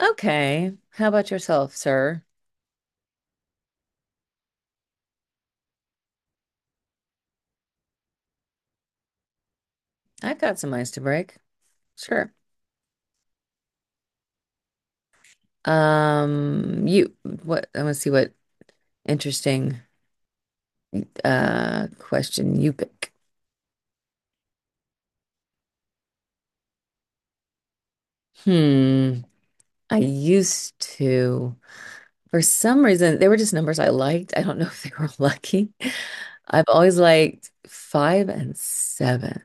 Okay. How about yourself, sir? I've got some ice to break. Sure. You what I want to see what interesting question you pick. Hmm. I used to. For some reason, they were just numbers I liked. I don't know if they were lucky. I've always liked five and seven.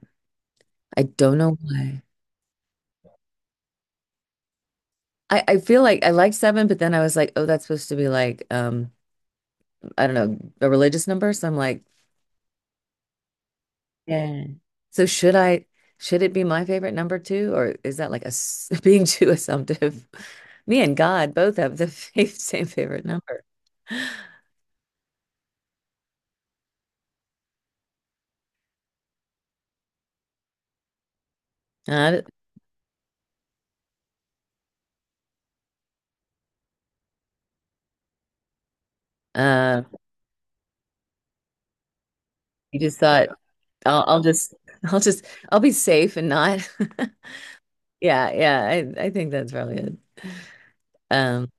I don't know why. I feel like I liked seven, but then I was like, oh, that's supposed to be like I don't know, a religious number. So I'm like, yeah. So should it be my favorite number two, or is that like a being too assumptive? Me and God both have the same favorite number. Uh, uh, you just thought I'll, I'll just I'll just I'll be safe and not. Yeah, yeah, I think that's probably it. Um,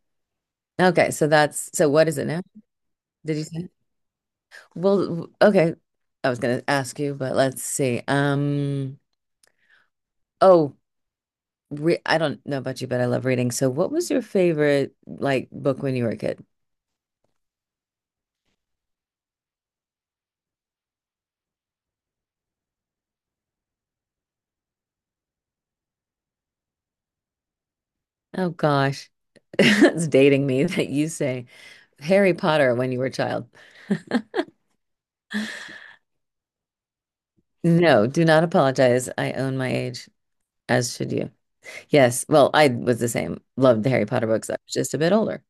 okay, so that's so what is it now? Did you say? Well, okay. I was gonna ask you, but let's see. Oh. re I don't know about you, but I love reading. So what was your favorite like book when you were a kid? Oh gosh. It's dating me that you say Harry Potter when you were a child. No, do not apologize. I own my age, as should you. Yes, well, I was the same. Loved the Harry Potter books. I was just a bit older.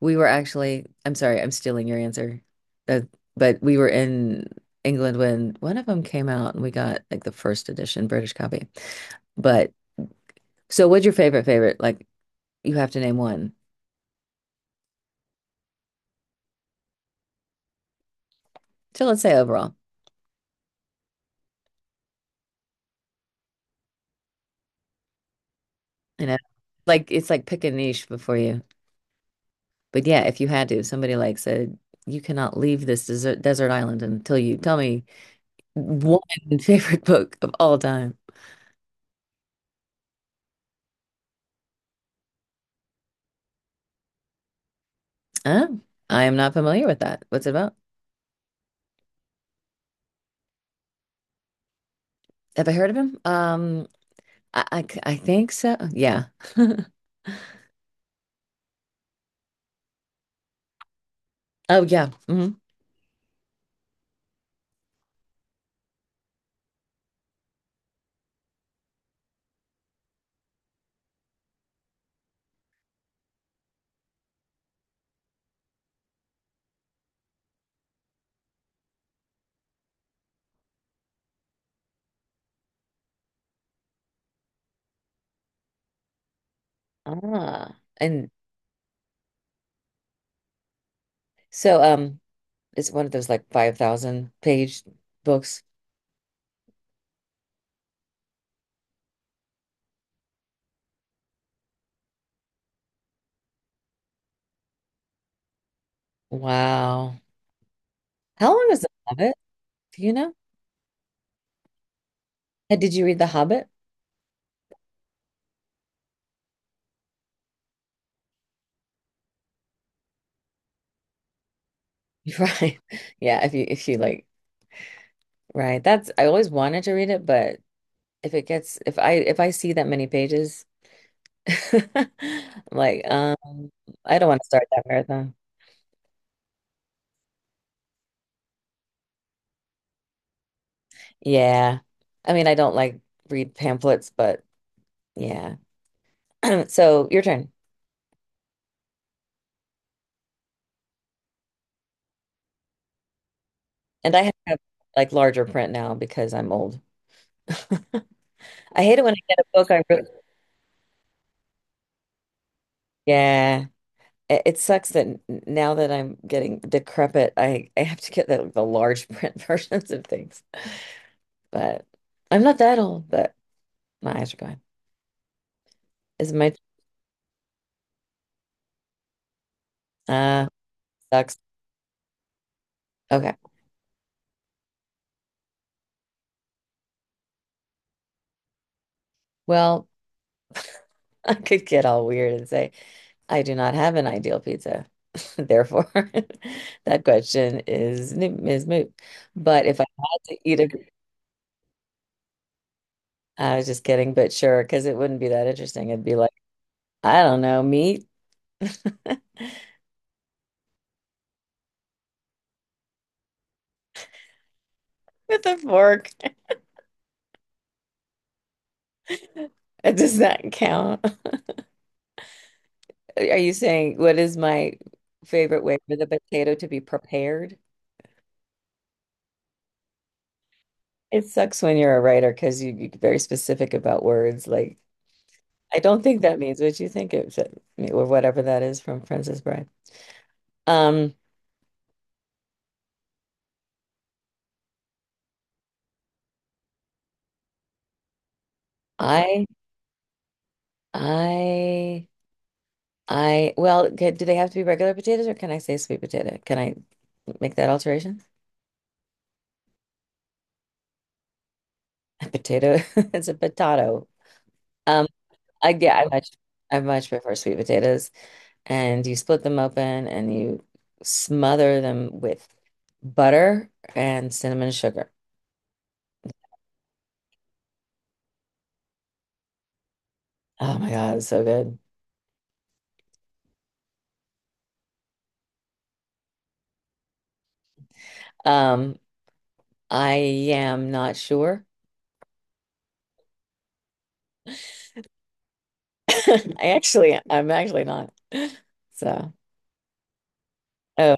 We were actually, I'm sorry, I'm stealing your answer. Uh, but we were in England when one of them came out and we got like the first edition British copy. But so what's your favorite? Like you have to name one. So let's say overall, you know, like it's like pick a niche before you. But yeah, if you had to, somebody like said, you cannot leave this desert island until you tell me one favorite book of all time. Oh, I am not familiar with that. What's it about? Have I heard of him? I think so. Yeah. Oh yeah. hmm Ah, and so it's one of those like 5,000 page books. Wow. How long is The Hobbit? Do you know? Did you read The Hobbit? Right. Yeah, if you like right. That's I always wanted to read it, but if it gets if I see that many pages I'm like I don't want to start that marathon. Yeah. I mean, I don't like read pamphlets, but yeah. So, your turn. And I have like larger print now because I'm old. I hate it when I get a book I really yeah. It sucks that now that I'm getting decrepit, I have to get the large print versions of things. But I'm not that old, but my eyes are going. Is it my uh sucks. Okay. Well, I could get all weird and say I do not have an ideal pizza. Therefore, that question is is moot. But if I had to eat a, I was just kidding, but sure, because it wouldn't be that interesting. It'd be like, I don't know, meat with a fork. Does that count? Are you saying what is my favorite way for the potato to be prepared? It sucks when you're a writer because you get very specific about words. Like, I don't think that means what you think it should, or whatever that is from Princess Bride. Um, I, I, well, do they have to be regular potatoes or can I say sweet potato? Can I make that alteration? A potato, it's a potato. Um, yeah, I much prefer sweet potatoes. And you split them open and you smother them with butter and cinnamon sugar. Oh my God, it's so good. Um, I am not sure. I'm actually not. So, oh,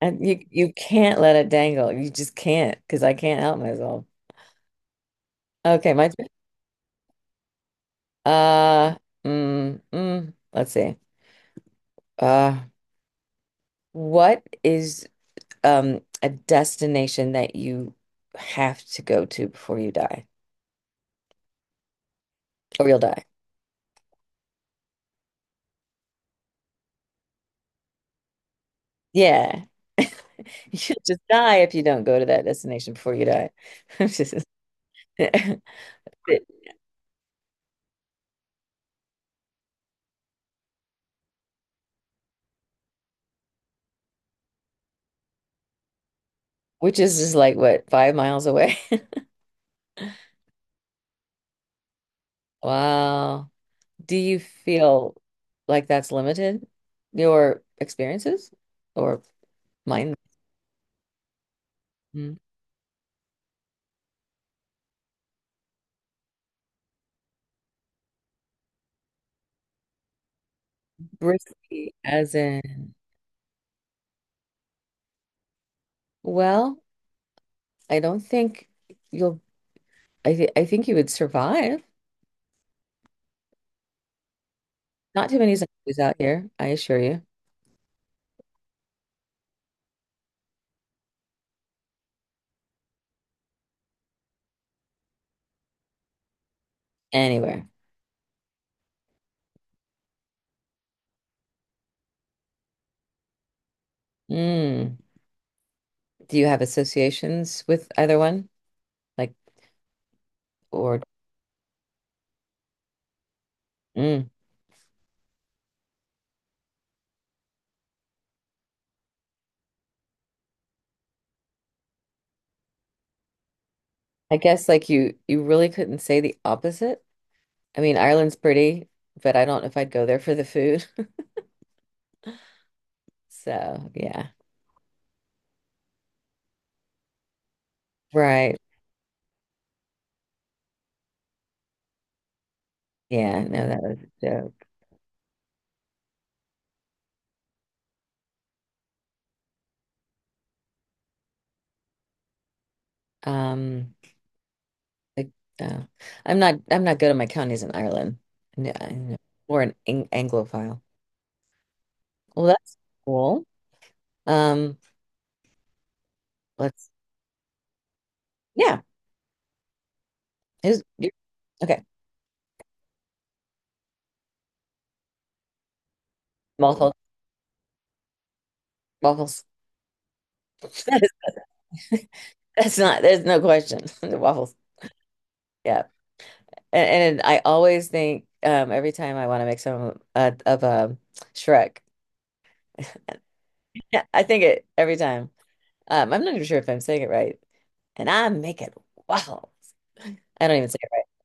and you can't let it dangle. You just can't because I can't help myself. Okay, my turn. Uh, let's see. Uh, what is a destination that you have to go to before you die, or you'll die? Yeah. You'll just die if you don't go to that destination before you die. Just- which is just like what, 5 miles away? Wow. Do you feel like that's limited your experiences or mine? Mhm. Risky, as in, well, I don't think you'll, I, th I think you would survive. Not too many zombies out here, I assure you. Anywhere. Mm. Do you have associations with either one? Like, or, mm. I guess like you really couldn't say the opposite. I mean, Ireland's pretty, but I don't know if I'd go there for the food. So, yeah. Right. Yeah, no, that was a joke. Um, like, uh, I'm not good at my counties in Ireland. No, I know. Or an Anglophile. Well, that's cool. Um, let's yeah. Who's you okay. Waffles. Waffles. That is, that's not there's no question. The waffles. Yeah. And I always think every time I want to make some of a Shrek. Yeah, I think it every time. I'm not even sure if I'm saying it right. And I make it waffles. I don't even say it right.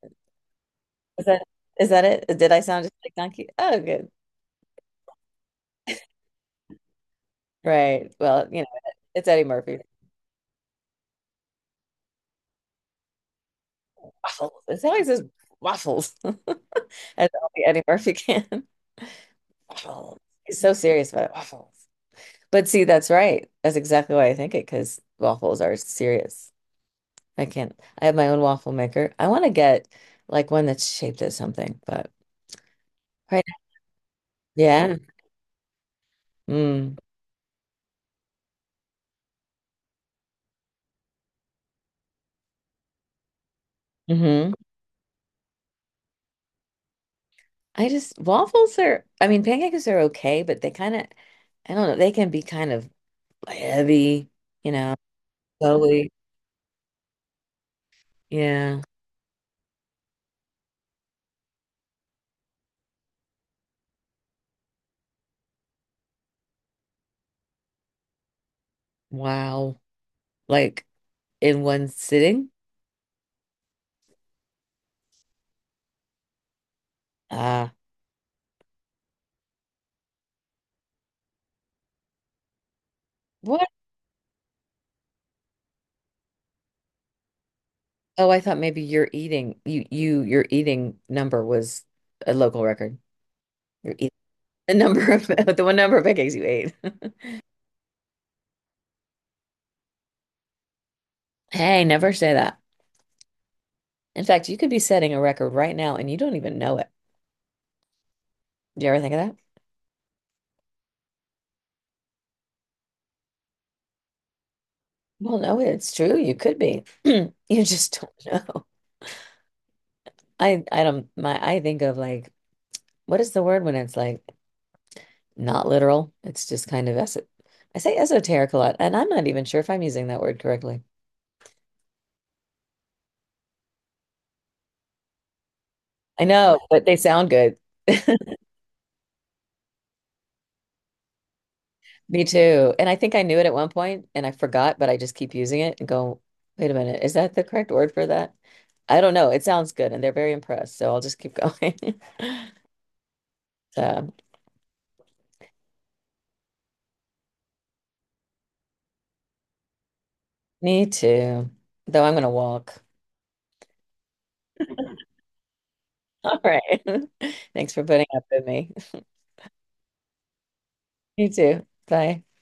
Is that is that it? Did I sound just like donkey? Oh, good. Right. Well, you know, it's Eddie Murphy. Waffles. It's how he says waffles. That's only Eddie Murphy can. Waffles. He's so serious about it. Waffles. But see, that's right. That's exactly why I think it, because waffles are serious. I can't. I have my own waffle maker. I want to get like one that's shaped as something, but right. Yeah. Mm. hmm I just waffles are I mean pancakes are okay, but they kind of I don't know, they can be kind of heavy, you know, slowly. Yeah. Wow. Like in one sitting? Ah. What? Oh, I thought maybe your eating number was a local record. Your eat the number of the one number of pancakes you ate. Hey, never say that. In fact, you could be setting a record right now and you don't even know it. Do you ever think of that? Well, no, it's true. You could be. You just don't know. I don't my I think of like what is the word when it's like not literal? It's just kind of es I say esoteric a lot, and I'm not even sure if I'm using that word correctly. I know, but they sound good. Me too. And I think I knew it at one point and I forgot, but I just keep using it and go, wait a minute, is that the correct word for that? I don't know. It sounds good and they're very impressed, so I'll just keep going. So, me too. Though I'm gonna walk. All right. Thanks for putting up with me. Me too. Bye.